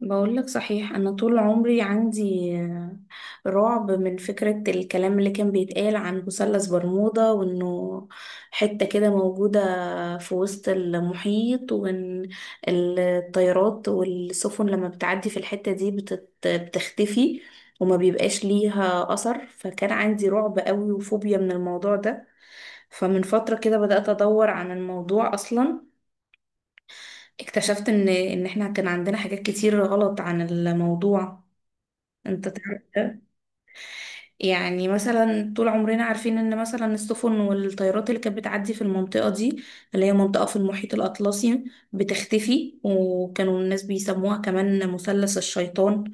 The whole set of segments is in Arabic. بقول لك صحيح، انا طول عمري عندي رعب من فكرة الكلام اللي كان بيتقال عن مثلث برمودا، وانه حتة كده موجودة في وسط المحيط، وان الطيارات والسفن لما بتعدي في الحتة دي بتختفي وما بيبقاش ليها اثر. فكان عندي رعب قوي وفوبيا من الموضوع ده. فمن فترة كده بدأت ادور عن الموضوع اصلا. اكتشفت ان احنا كان عندنا حاجات كتير غلط عن الموضوع. انت تعرف ده؟ يعني مثلا طول عمرنا عارفين ان مثلا السفن والطيارات اللي كانت بتعدي في المنطقة دي، اللي هي منطقة في المحيط الأطلسي، بتختفي. وكانوا الناس بيسموها كمان مثلث الشيطان.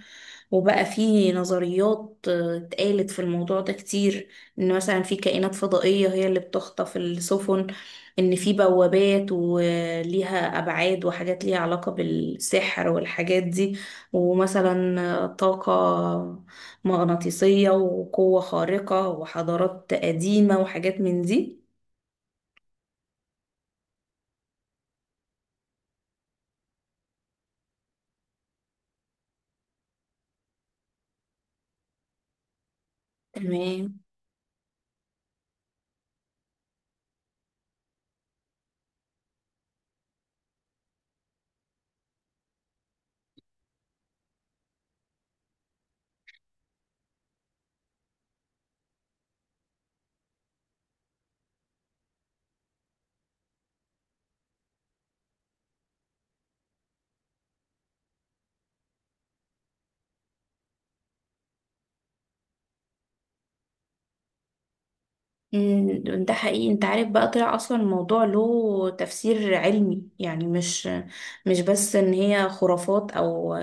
وبقى في نظريات اتقالت في الموضوع ده كتير. ان مثلا في كائنات فضائية هي اللي بتخطف السفن، ان في بوابات وليها ابعاد وحاجات ليها علاقة بالسحر والحاجات دي، ومثلا طاقة مغناطيسية وقوة خارقة وحضارات قديمة وحاجات من دي. تمام. ده حقيقي. انت عارف بقى طلع اصلا الموضوع له تفسير علمي، يعني مش بس ان هي خرافات او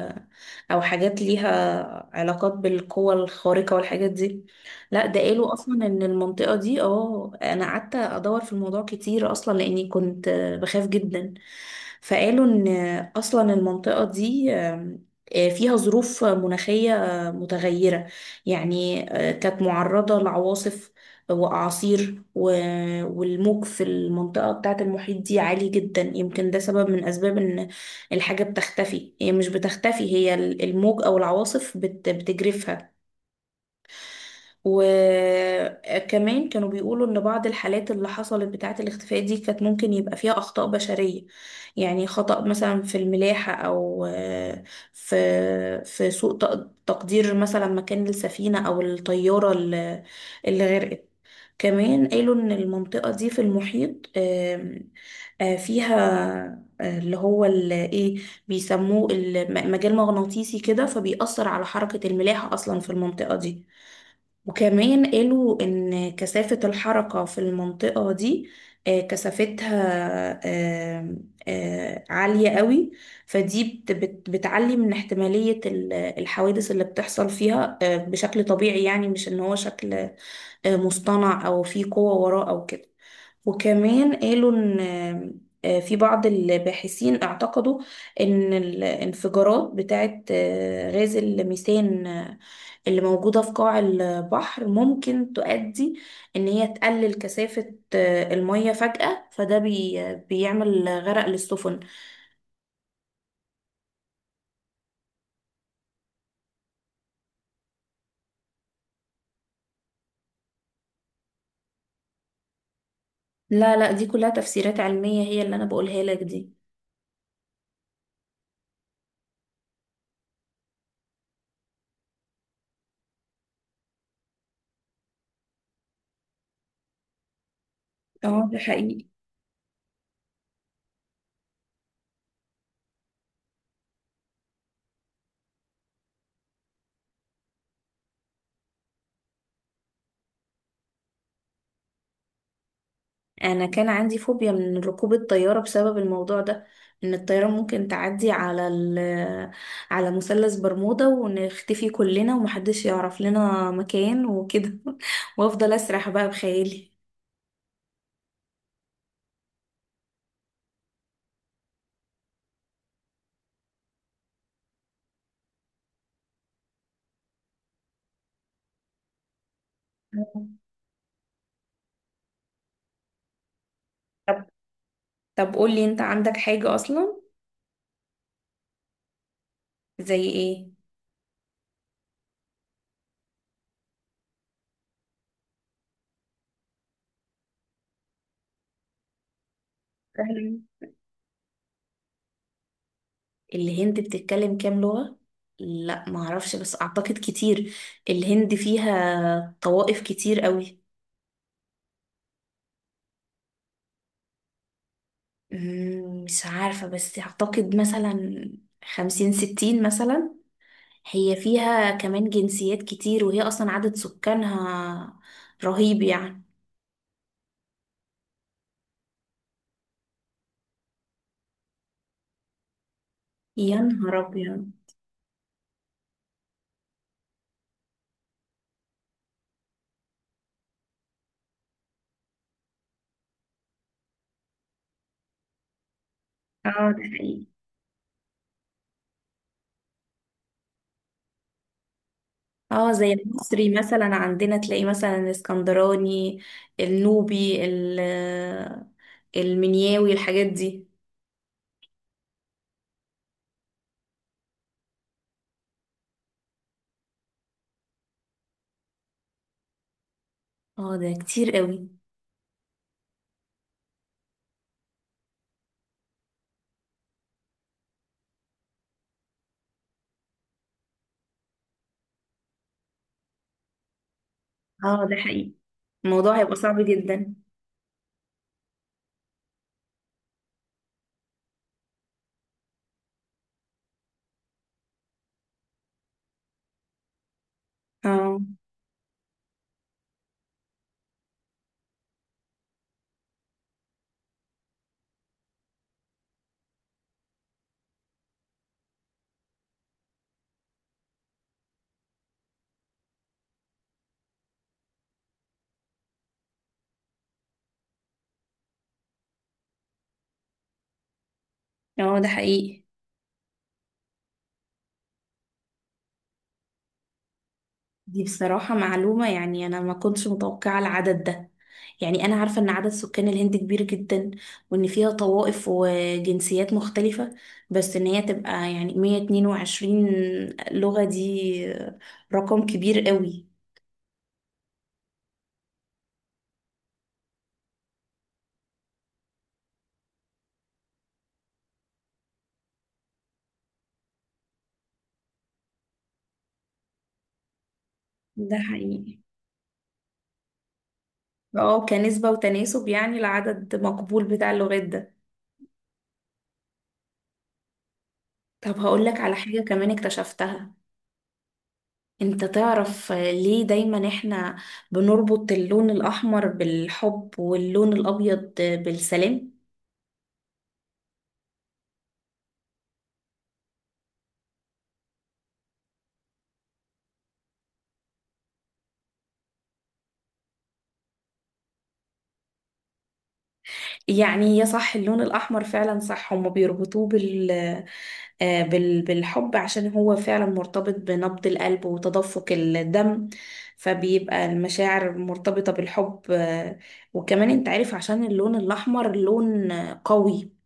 او حاجات ليها علاقات بالقوة الخارقة والحاجات دي. لا، ده قالوا اصلا ان المنطقة دي انا قعدت ادور في الموضوع كتير اصلا لاني كنت بخاف جدا. فقالوا ان اصلا المنطقة دي فيها ظروف مناخية متغيرة. يعني كانت معرضة لعواصف واعاصير والموج في المنطقة بتاعة المحيط دي عالي جدا، يمكن ده سبب من اسباب ان الحاجة بتختفي. هي مش بتختفي، هي الموج او العواصف بتجرفها. وكمان كانوا بيقولوا ان بعض الحالات اللي حصلت بتاعة الاختفاء دي كانت ممكن يبقى فيها اخطاء بشرية. يعني خطأ مثلا في الملاحة، او في سوء تقدير مثلا مكان السفينة او الطيارة اللي غرقت. كمان قالوا ان المنطقة دي في المحيط فيها اللي هو ايه بيسموه مجال مغناطيسي كده، فبيأثر على حركة الملاحة اصلا في المنطقة دي. وكمان قالوا ان كثافة الحركة في المنطقة دي كثافتها آم، عالية قوي. فدي بتعلي من احتمالية الحوادث اللي بتحصل فيها بشكل طبيعي، يعني مش ان هو شكل مصطنع او في قوة وراه او كده. وكمان قالوا ان في بعض الباحثين اعتقدوا ان الانفجارات بتاعت غاز الميثان اللي موجودة في قاع البحر ممكن تؤدي ان هي تقلل كثافة المية فجأة، فده بيعمل غرق للسفن. لا لا، دي كلها تفسيرات علمية هي اللي انا بقولها لك دي. اه ده حقيقي. انا كان عندي فوبيا من ركوب الطياره بسبب الموضوع ده، ان الطياره ممكن تعدي على مثلث برمودا ونختفي كلنا ومحدش يعرف لنا مكان وكده وافضل اسرح بقى بخيالي. مم. طب، طب قولي انت عندك حاجه اصلا، زي ايه؟ سهلة. الهند بتتكلم كام لغه؟ لا، معرفش، بس اعتقد كتير. الهند فيها طوائف كتير قوي. مش عارفة، بس أعتقد مثلا 50 60 مثلا. هي فيها كمان جنسيات كتير، وهي أصلا عدد سكانها رهيب يعني. يا نهار أبيض! اه ده حقيقي. اه زي المصري مثلا، عندنا تلاقي مثلا الاسكندراني، النوبي، المنياوي، الحاجات دي. اه ده كتير قوي. اه ده حقيقي. الموضوع هيبقى صعب جدا. اه اه ده حقيقي. دي بصراحة معلومة، يعني أنا ما كنتش متوقعة العدد ده. يعني أنا عارفة إن عدد سكان الهند كبير جدا، وإن فيها طوائف وجنسيات مختلفة، بس إن هي تبقى يعني 122 لغة، دي رقم كبير قوي. ده حقيقي. اه كنسبة وتناسب يعني العدد مقبول بتاع اللغات ده. طب هقولك على حاجة كمان اكتشفتها. انت تعرف ليه دايما احنا بنربط اللون الاحمر بالحب واللون الابيض بالسلام؟ يعني يا صح، اللون الاحمر فعلا صح هما بيربطوه بالحب عشان هو فعلا مرتبط بنبض القلب وتدفق الدم، فبيبقى المشاعر مرتبطة بالحب. وكمان انت عارف عشان اللون الاحمر لون قوي،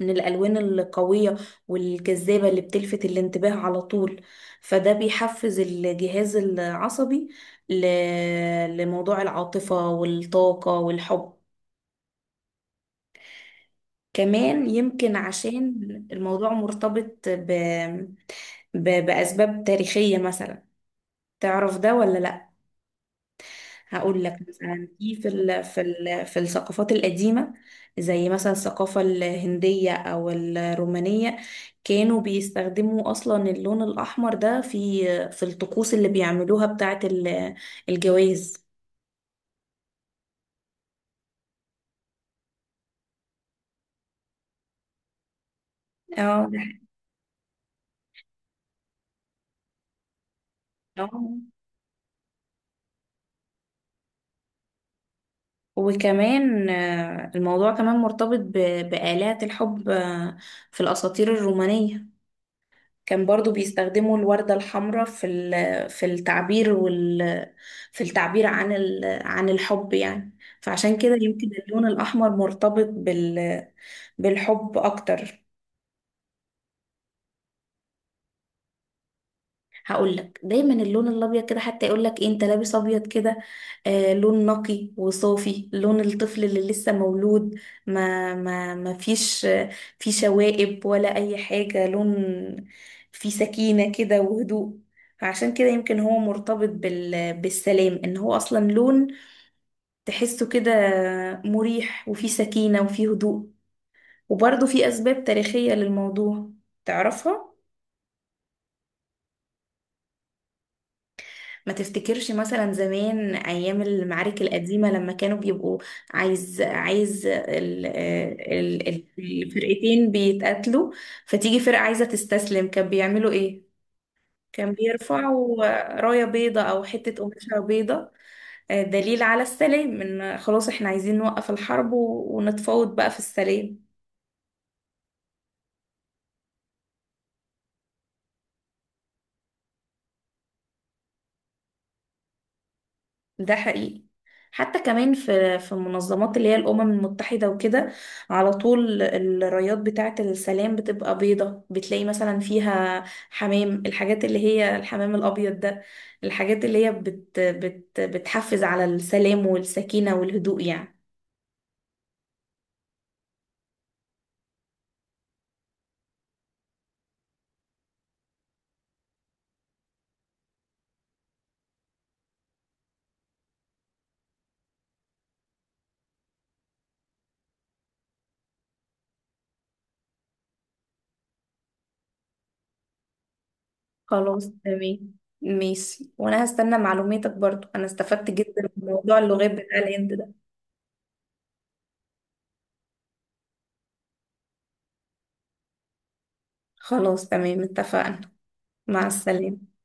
من الألوان القوية والجذابة اللي بتلفت الانتباه على طول. فده بيحفز الجهاز العصبي ل... لموضوع العاطفة والطاقة والحب. كمان يمكن عشان الموضوع مرتبط بأسباب تاريخية مثلا. تعرف ده ولا؟ هقول لك. مثلا في الثقافات القديمة، زي مثلا الثقافة الهندية أو الرومانية، كانوا بيستخدموا أصلا اللون الأحمر ده في الطقوس اللي بيعملوها بتاعة الجواز. اه ده حقيقي. آه. وكمان الموضوع كمان مرتبط بآلات الحب في الأساطير الرومانية. كان برضو بيستخدموا الوردة الحمراء في التعبير عن الحب. يعني فعشان كده يمكن اللون الأحمر مرتبط بالحب أكتر. هقول لك. دايما اللون الابيض كده، حتى يقول لك إيه انت لابس ابيض كده، آه لون نقي وصافي، لون الطفل اللي لسه مولود. ما فيش في شوائب ولا اي حاجه، لون فيه سكينه كده وهدوء. فعشان كده يمكن هو مرتبط بالسلام، ان هو اصلا لون تحسه كده مريح وفيه سكينه وفيه هدوء. وبرضه في اسباب تاريخيه للموضوع، تعرفها؟ ما تفتكرش مثلا زمان ايام المعارك القديمه، لما كانوا بيبقوا عايز عايز ال ال ال- الفرقتين بيتقاتلوا، فتيجي فرقه عايزه تستسلم كان بيعملوا ايه؟ كان بيرفعوا رايه بيضه او حته قماشه بيضه، دليل على السلام، ان خلاص احنا عايزين نوقف الحرب ونتفاوض بقى في السلام. ده حقيقي. حتى كمان في المنظمات اللي هي الأمم المتحدة وكده، على طول الرايات بتاعة السلام بتبقى بيضة، بتلاقي مثلا فيها حمام، الحاجات اللي هي الحمام الأبيض ده، الحاجات اللي هي بت بت بتحفز على السلام والسكينة والهدوء يعني. خلاص تمام. ماشي، وأنا هستنى معلوماتك برضو، أنا استفدت جدا من موضوع اللغات بتاع الهند ده. خلاص تمام، اتفقنا. مع السلامة.